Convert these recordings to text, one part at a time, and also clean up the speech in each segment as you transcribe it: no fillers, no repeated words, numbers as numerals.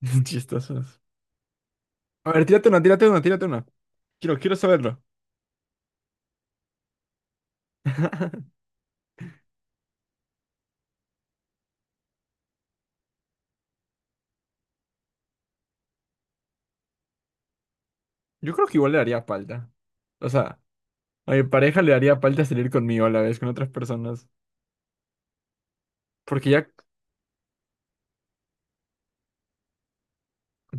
Chistosos. A ver, tírate una, tírate una, tírate una. Quiero saberlo. Yo creo que igual le haría falta. O sea, a mi pareja le haría falta salir conmigo a la vez, con otras personas. Porque ya,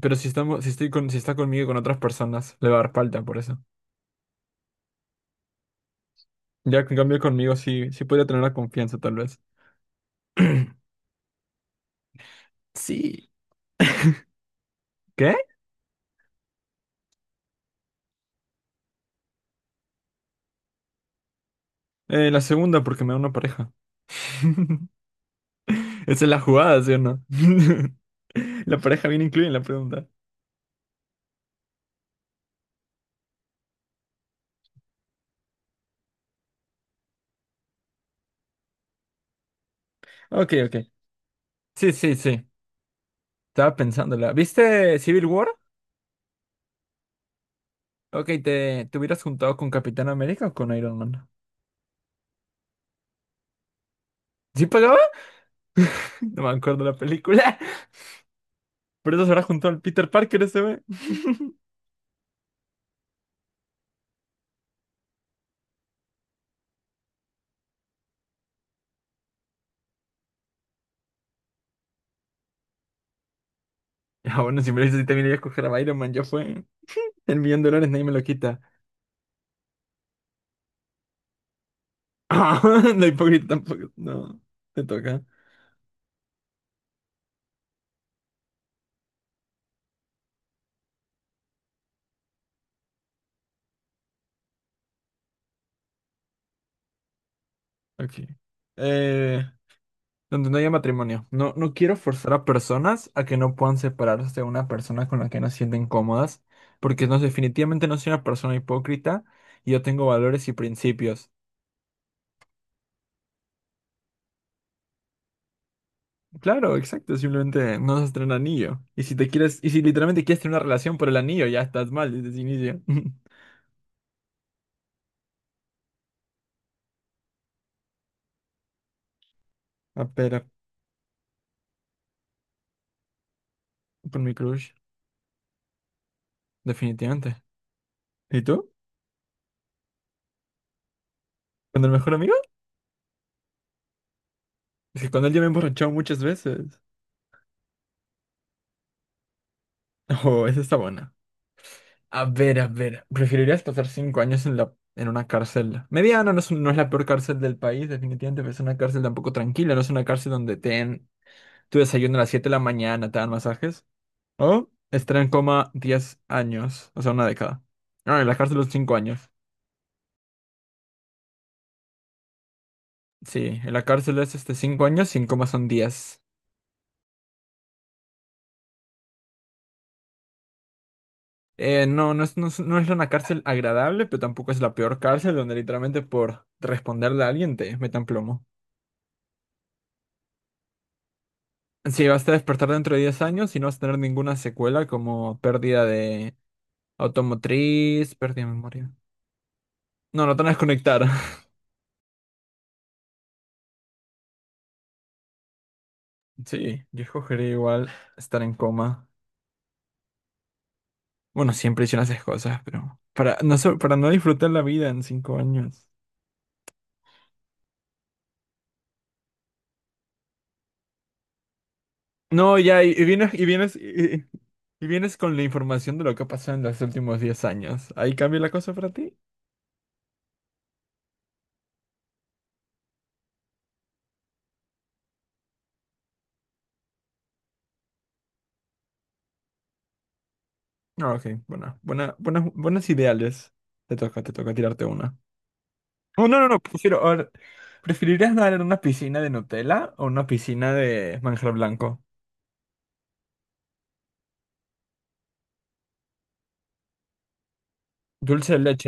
pero si está conmigo y con otras personas, le va a dar falta por eso. Ya en cambio conmigo sí, sí podría tener la confianza tal vez. Sí. ¿Qué? La segunda, porque me da una pareja. Esa es la jugada, ¿sí o no? La pareja viene incluida en la pregunta. Ok, ok. Sí, sí, sí. Estaba pensándola. ¿Viste Civil War? Ok, ¿te hubieras juntado con Capitán América o con Iron Man? ¿Sí pagaba? No me acuerdo la película. Por eso se habrá juntado al Peter Parker ese, güey. Ah, bueno, si me lo dices, sí también iba a coger a Iron Man. Ya fue. El millón de dólares nadie me lo quita. No, hipócrita tampoco. No, te toca. Ok. Eh, Donde no haya matrimonio. No, no quiero forzar a personas a que no puedan separarse de una persona con la que no se sienten cómodas, porque no, definitivamente no soy una persona hipócrita y yo tengo valores y principios. Claro, exacto, simplemente no se el anillo. Y si te quieres, y si literalmente quieres tener una relación por el anillo, ya estás mal desde el inicio. Ah, pero por mi crush, definitivamente. ¿Y tú? ¿Con el mejor amigo? Es que con él ya me he emborrachado muchas veces. Oh, esa está buena. A ver, a ver. ¿Preferirías pasar 5 años en en una cárcel? Mediana, no es la peor cárcel del país, definitivamente, pero es una cárcel tampoco tranquila, no es una cárcel donde te den tu desayuno a las 7 de la mañana, te dan masajes. O estar en coma 10 años, o sea, una década. No, en la cárcel son 5 años. Sí, en la cárcel es 5 años y en coma son 10. No, no es una cárcel agradable, pero tampoco es la peor cárcel donde literalmente por responderle a alguien te metan plomo. Sí, vas a despertar dentro de 10 años y no vas a tener ninguna secuela como pérdida de automotriz, pérdida de memoria. No, no te van a desconectar. Sí, yo escogería igual estar en coma. Bueno, siempre hice esas cosas, pero para no disfrutar la vida en 5 años. No, ya, y vienes, y vienes, y- y vienes con la información de lo que ha pasado en los últimos 10 años. ¿Ahí cambia la cosa para ti? No, ok, bueno, buenas ideales. Te toca tirarte una. Oh, no, no, no, prefiero. A ver, ¿preferirías nadar en una piscina de Nutella o una piscina de manjar blanco? Dulce de leche.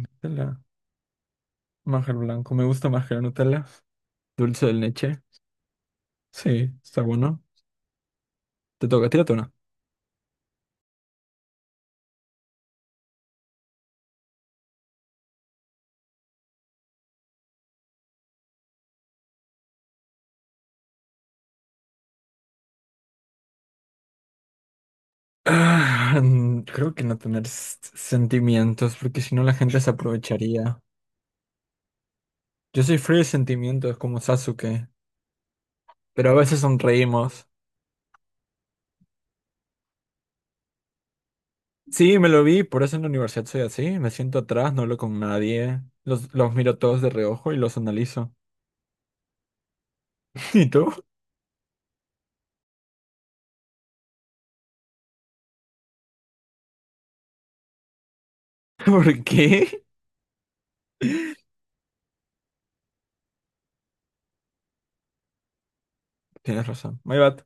Nutella, manjar blanco. Me gusta más que la Nutella. Dulce de leche. Sí, está bueno. Te toca, tírate una. Ah, creo que no tener sentimientos, porque si no la gente se aprovecharía. Yo soy frío de sentimientos como Sasuke, pero a veces sonreímos. Sí, me lo vi, por eso en la universidad soy así. Me siento atrás, no hablo con nadie. Los miro todos de reojo y los analizo. ¿Y tú? ¿Por qué? Tienes razón.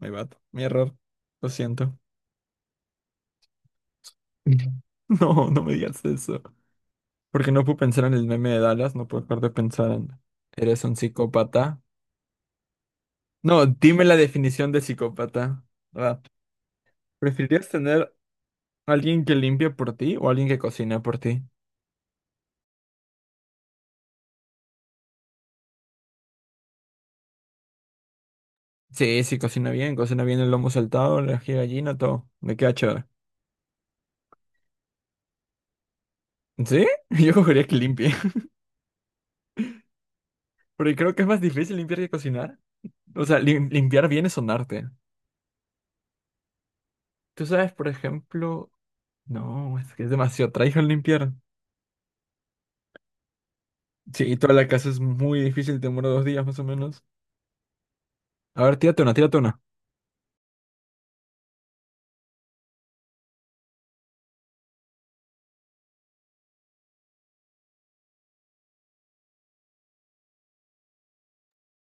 My bad, mi error. Lo siento. No, no me digas eso. Porque no puedo pensar en el meme de Dallas, no puedo dejar de pensar en... ¿Eres un psicópata? No, dime la definición de psicópata. Ah, ¿Preferirías tener a alguien que limpie por ti o alguien que cocina por ti? Sí, sí, cocina bien el lomo saltado, la ají de gallina, todo. Me queda chévere. ¿Sí? Yo cogería que limpie. Porque creo que es más difícil limpiar que cocinar. O sea, limpiar bien es un arte. Tú sabes, por ejemplo, no, es que es demasiado trabajo el limpiar. Sí, y toda la casa es muy difícil, te demora 2 días más o menos. A ver, tírate una, tírate una.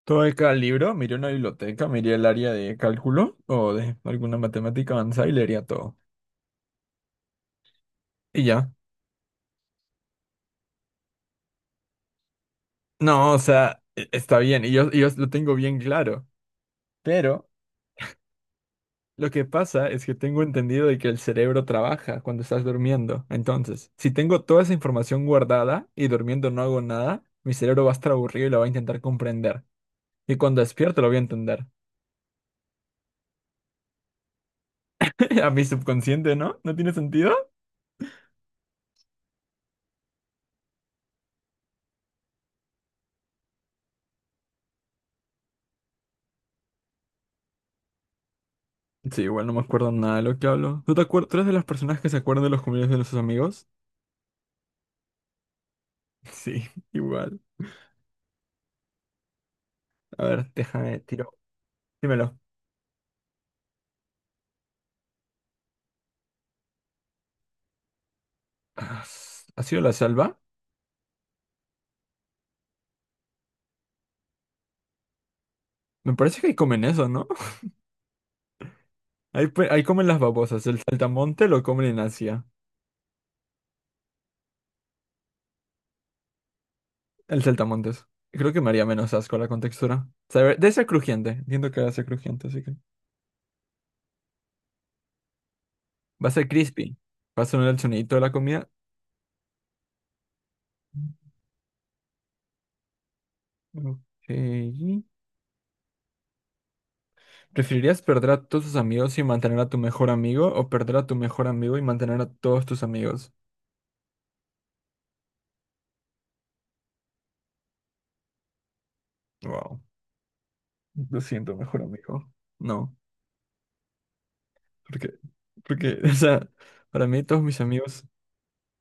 Todo de cada libro, miré una biblioteca, miré el área de cálculo o de alguna matemática avanzada y leería todo. Y ya. No, o sea, está bien, y yo lo tengo bien claro. Pero lo que pasa es que tengo entendido de que el cerebro trabaja cuando estás durmiendo. Entonces, si tengo toda esa información guardada y durmiendo no hago nada, mi cerebro va a estar aburrido y lo va a intentar comprender. Y cuando despierto lo voy a entender. A mi subconsciente, ¿no? ¿No tiene sentido? Sí, igual no me acuerdo nada de lo que hablo. ¿Tú te acuerdas? ¿Tú eres de las personas que se acuerdan de los cumpleaños de sus amigos? Sí, igual. A ver, déjame, tiro. Dímelo. Ah, ¿Ha sido la salva? Me parece que ahí comen eso, ¿no? Ahí comen las babosas. El saltamonte lo comen en Asia. El saltamontes. Creo que me haría menos asco la contextura. Debe ser crujiente. Entiendo que va a ser crujiente, así que. Va a ser crispy. Va a sonar el sonidito de la comida. Ok. ¿Preferirías perder a todos tus amigos y mantener a tu mejor amigo o perder a tu mejor amigo y mantener a todos tus amigos? Wow. Lo siento, mejor amigo. No, porque, porque, o sea, para mí todos mis amigos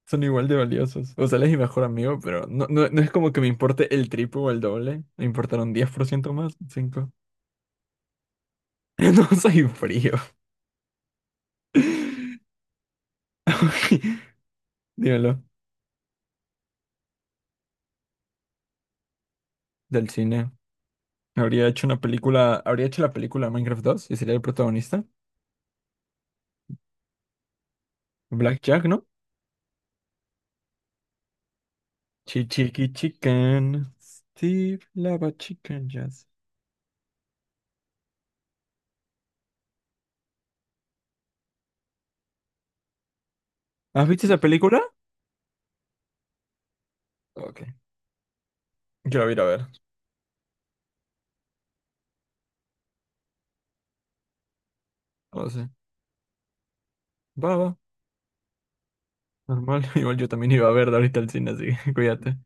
son igual de valiosos. O sea, él es mi mejor amigo, pero no, no, no es como que me importe el triple o el doble. Me importaron 10 por ciento más, cinco. No soy frío. Dímelo, del cine. Habría hecho una película, habría hecho la película Minecraft 2 y sería el protagonista. Blackjack, ¿no? Chiqui Chicken. Steve Lava Chicken Jazz. ¿Has visto esa película? Ok. Yo la voy a ir a ver. No sé. Va, va. Normal. Igual yo también iba a verla ahorita al cine, así que cuídate.